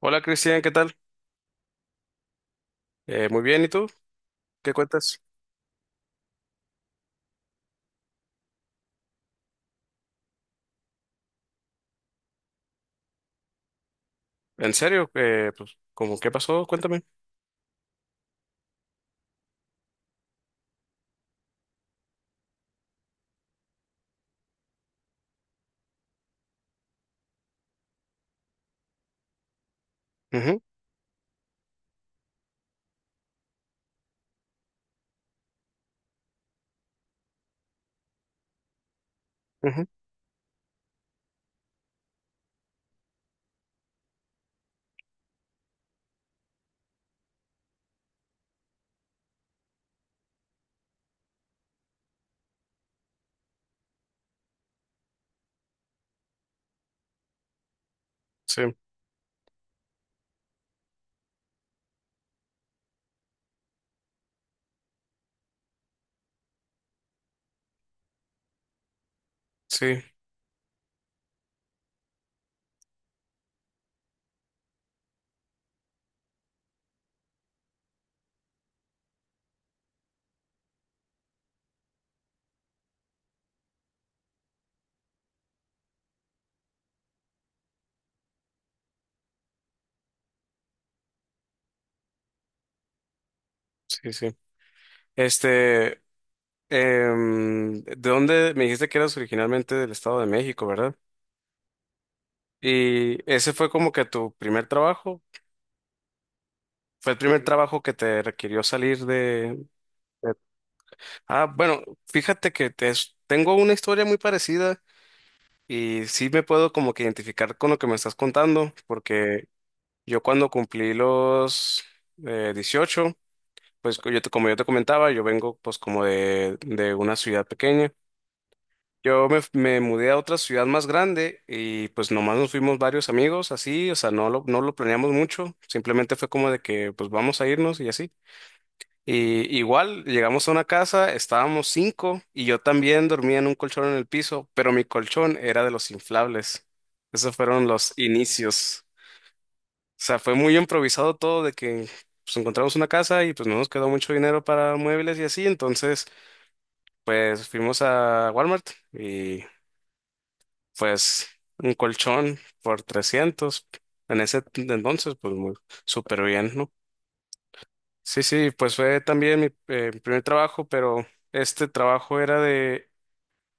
Hola Cristian, ¿qué tal? Muy bien, ¿y tú? ¿Qué cuentas? ¿En serio? Pues, ¿cómo qué pasó? Cuéntame. Ujú, ujú. Sí, sí, sí, sí. Este, ¿De dónde me dijiste que eras originalmente del Estado de México, verdad? Y ese fue como que tu primer trabajo. Fue el primer trabajo que te requirió salir de... de- Ah, bueno, fíjate que te- es- tengo una historia muy parecida y sí me puedo como que identificar con lo que me estás contando, porque yo cuando cumplí los 18, pues como yo te comentaba, yo vengo pues como de una ciudad pequeña. Me mudé a otra ciudad más grande y pues nomás nos fuimos varios amigos así, o sea, no lo planeamos mucho, simplemente fue como de que pues vamos a irnos y así. Y igual llegamos a una casa, estábamos cinco y yo también dormía en un colchón en el piso, pero mi colchón era de los inflables. Esos fueron los inicios. Sea, fue muy improvisado todo de que pues, encontramos una casa y pues no nos quedó mucho dinero para muebles y así, entonces pues fuimos a Walmart y pues un colchón por 300 en entonces pues muy súper bien, ¿no? Sí, sí, pues fue también mi, mi primer trabajo, pero este trabajo era de,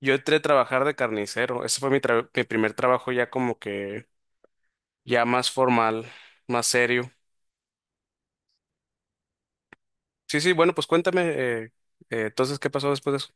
yo entré a trabajar de carnicero, ese fue mi primer trabajo ya como que ya más formal, más serio. Sí, sí, bueno, pues cuéntame, entonces, ¿qué pasó después de eso?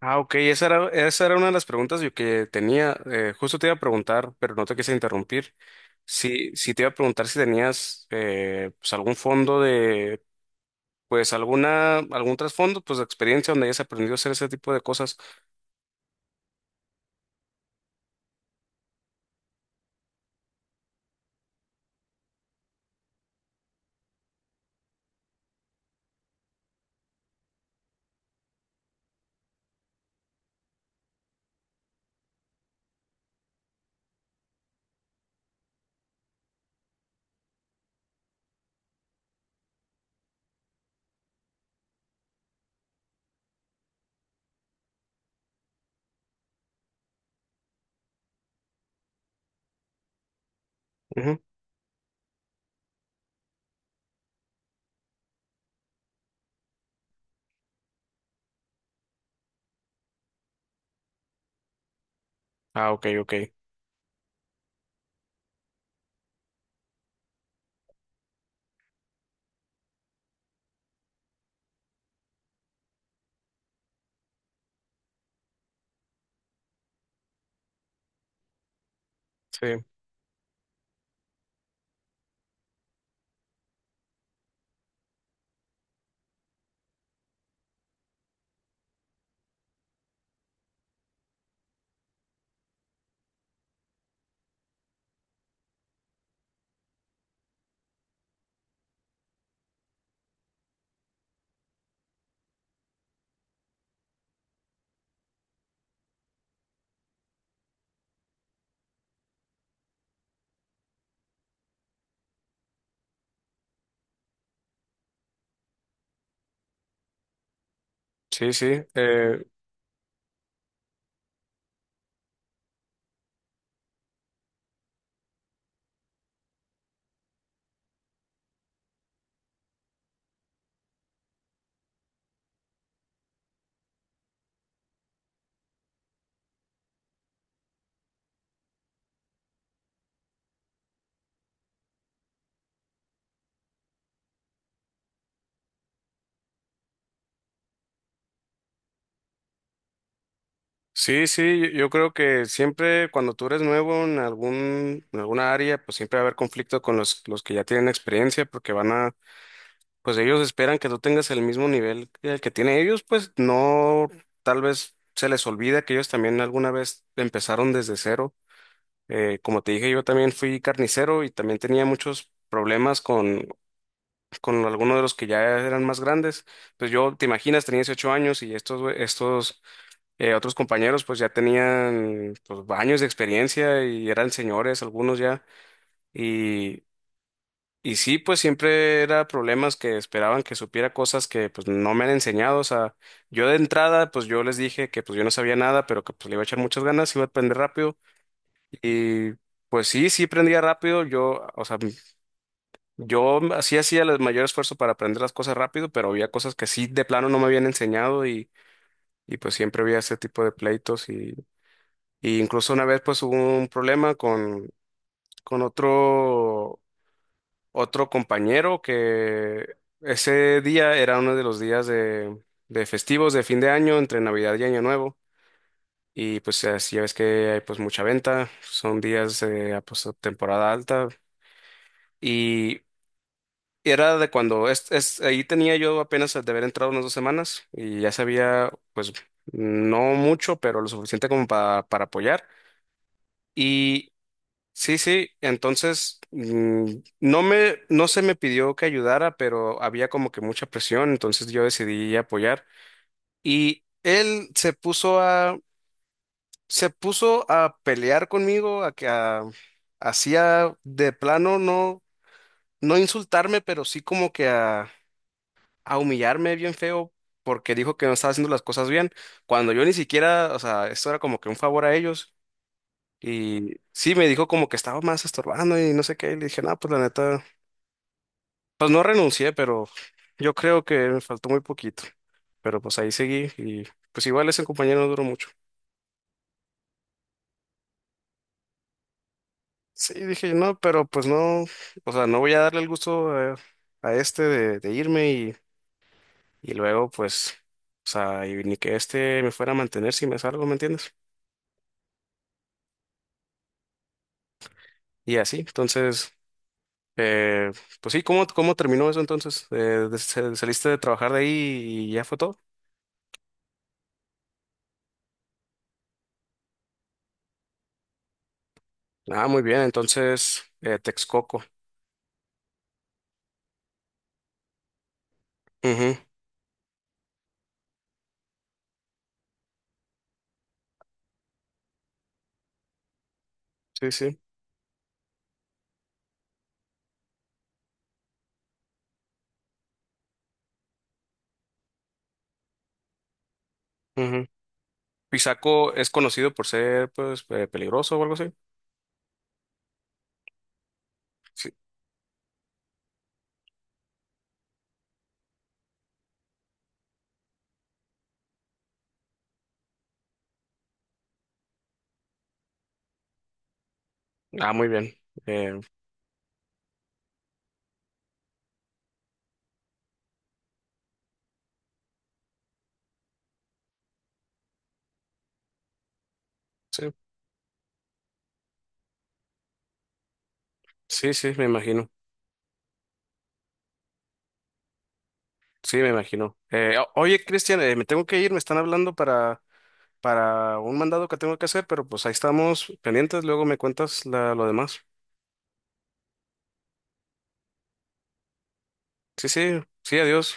Ah, ok, esa era una de las preguntas yo que tenía. Justo te iba a preguntar, pero no te quise interrumpir. Sí, sí te iba a preguntar si tenías pues algún fondo de, pues alguna, algún trasfondo, pues de experiencia donde hayas aprendido a hacer ese tipo de cosas. Ujú. Ah, ok, ok. Sí, sí, sí. eh, sí, sí, yo creo que siempre cuando tú eres nuevo en algún, en alguna área, pues siempre va a haber conflicto con los que ya tienen experiencia porque van a pues ellos esperan que tú tengas el mismo nivel que el que tienen ellos, pues no, tal vez se les olvida que ellos también alguna vez empezaron desde cero. Como te dije, yo también fui carnicero y también tenía muchos problemas con algunos de los que ya eran más grandes. Pues yo, te imaginas, tenía 18 años y estos, estos otros compañeros pues ya tenían pues, años de experiencia y eran señores, algunos ya. Y sí, pues siempre era problemas que esperaban que supiera cosas que pues no me han enseñado. O sea, yo de entrada, pues yo les dije que pues yo no sabía nada, pero que pues le iba a echar muchas ganas, iba a aprender rápido. Y pues sí, sí aprendía rápido. Yo, o sea, yo así hacía el mayor esfuerzo para aprender las cosas rápido, pero había cosas que sí de plano no me habían enseñado y pues siempre había ese tipo de pleitos. Y incluso una vez pues hubo un problema con otro. Otro compañero que ese día era uno de los días de festivos de fin de año, entre Navidad y Año Nuevo. Y pues así ya ves que hay pues mucha venta, son días de ah, pues, temporada alta. Y era de cuando, ahí tenía yo apenas de haber entrado unas dos semanas y ya sabía pues no mucho, pero lo suficiente como para apoyar. Sí, sí, entonces no me, no se me pidió que ayudara, pero había como que mucha presión, entonces yo decidí apoyar. Y él se puso a pelear conmigo, hacía de plano no, no insultarme, pero sí como que a humillarme bien feo, porque dijo que no estaba haciendo las cosas bien, cuando yo ni siquiera, o sea, esto era como que un favor a ellos. Y sí, me dijo como que estaba más estorbando y no sé qué. Y le dije, no, pues la neta. Pues no renuncié, pero yo creo que me faltó muy poquito. Pero pues ahí seguí y pues igual ese compañero no duró mucho. Sí, dije, no, pero pues no, o sea, no voy a darle el gusto a, este de irme y luego pues, o sea, y ni que este me fuera a mantener si me salgo, ¿me entiendes? Y así, entonces, eh, pues sí, ¿cómo, cómo terminó eso entonces? ¿Saliste de trabajar de ahí y ya fue todo? Ah, muy bien, entonces, Texcoco. Ujú. Sí, sí. Ujú. Pisaco es conocido por ser, pues, peligroso o algo así. Sí. Ah, muy bien. Eh, sí, sí, sí, me imagino. Sí, me imagino. Oye, Cristian, me tengo que ir, me están hablando para un mandado que tengo que hacer, pero pues ahí estamos pendientes, luego me cuentas lo demás. Sí, sí, sí, adiós.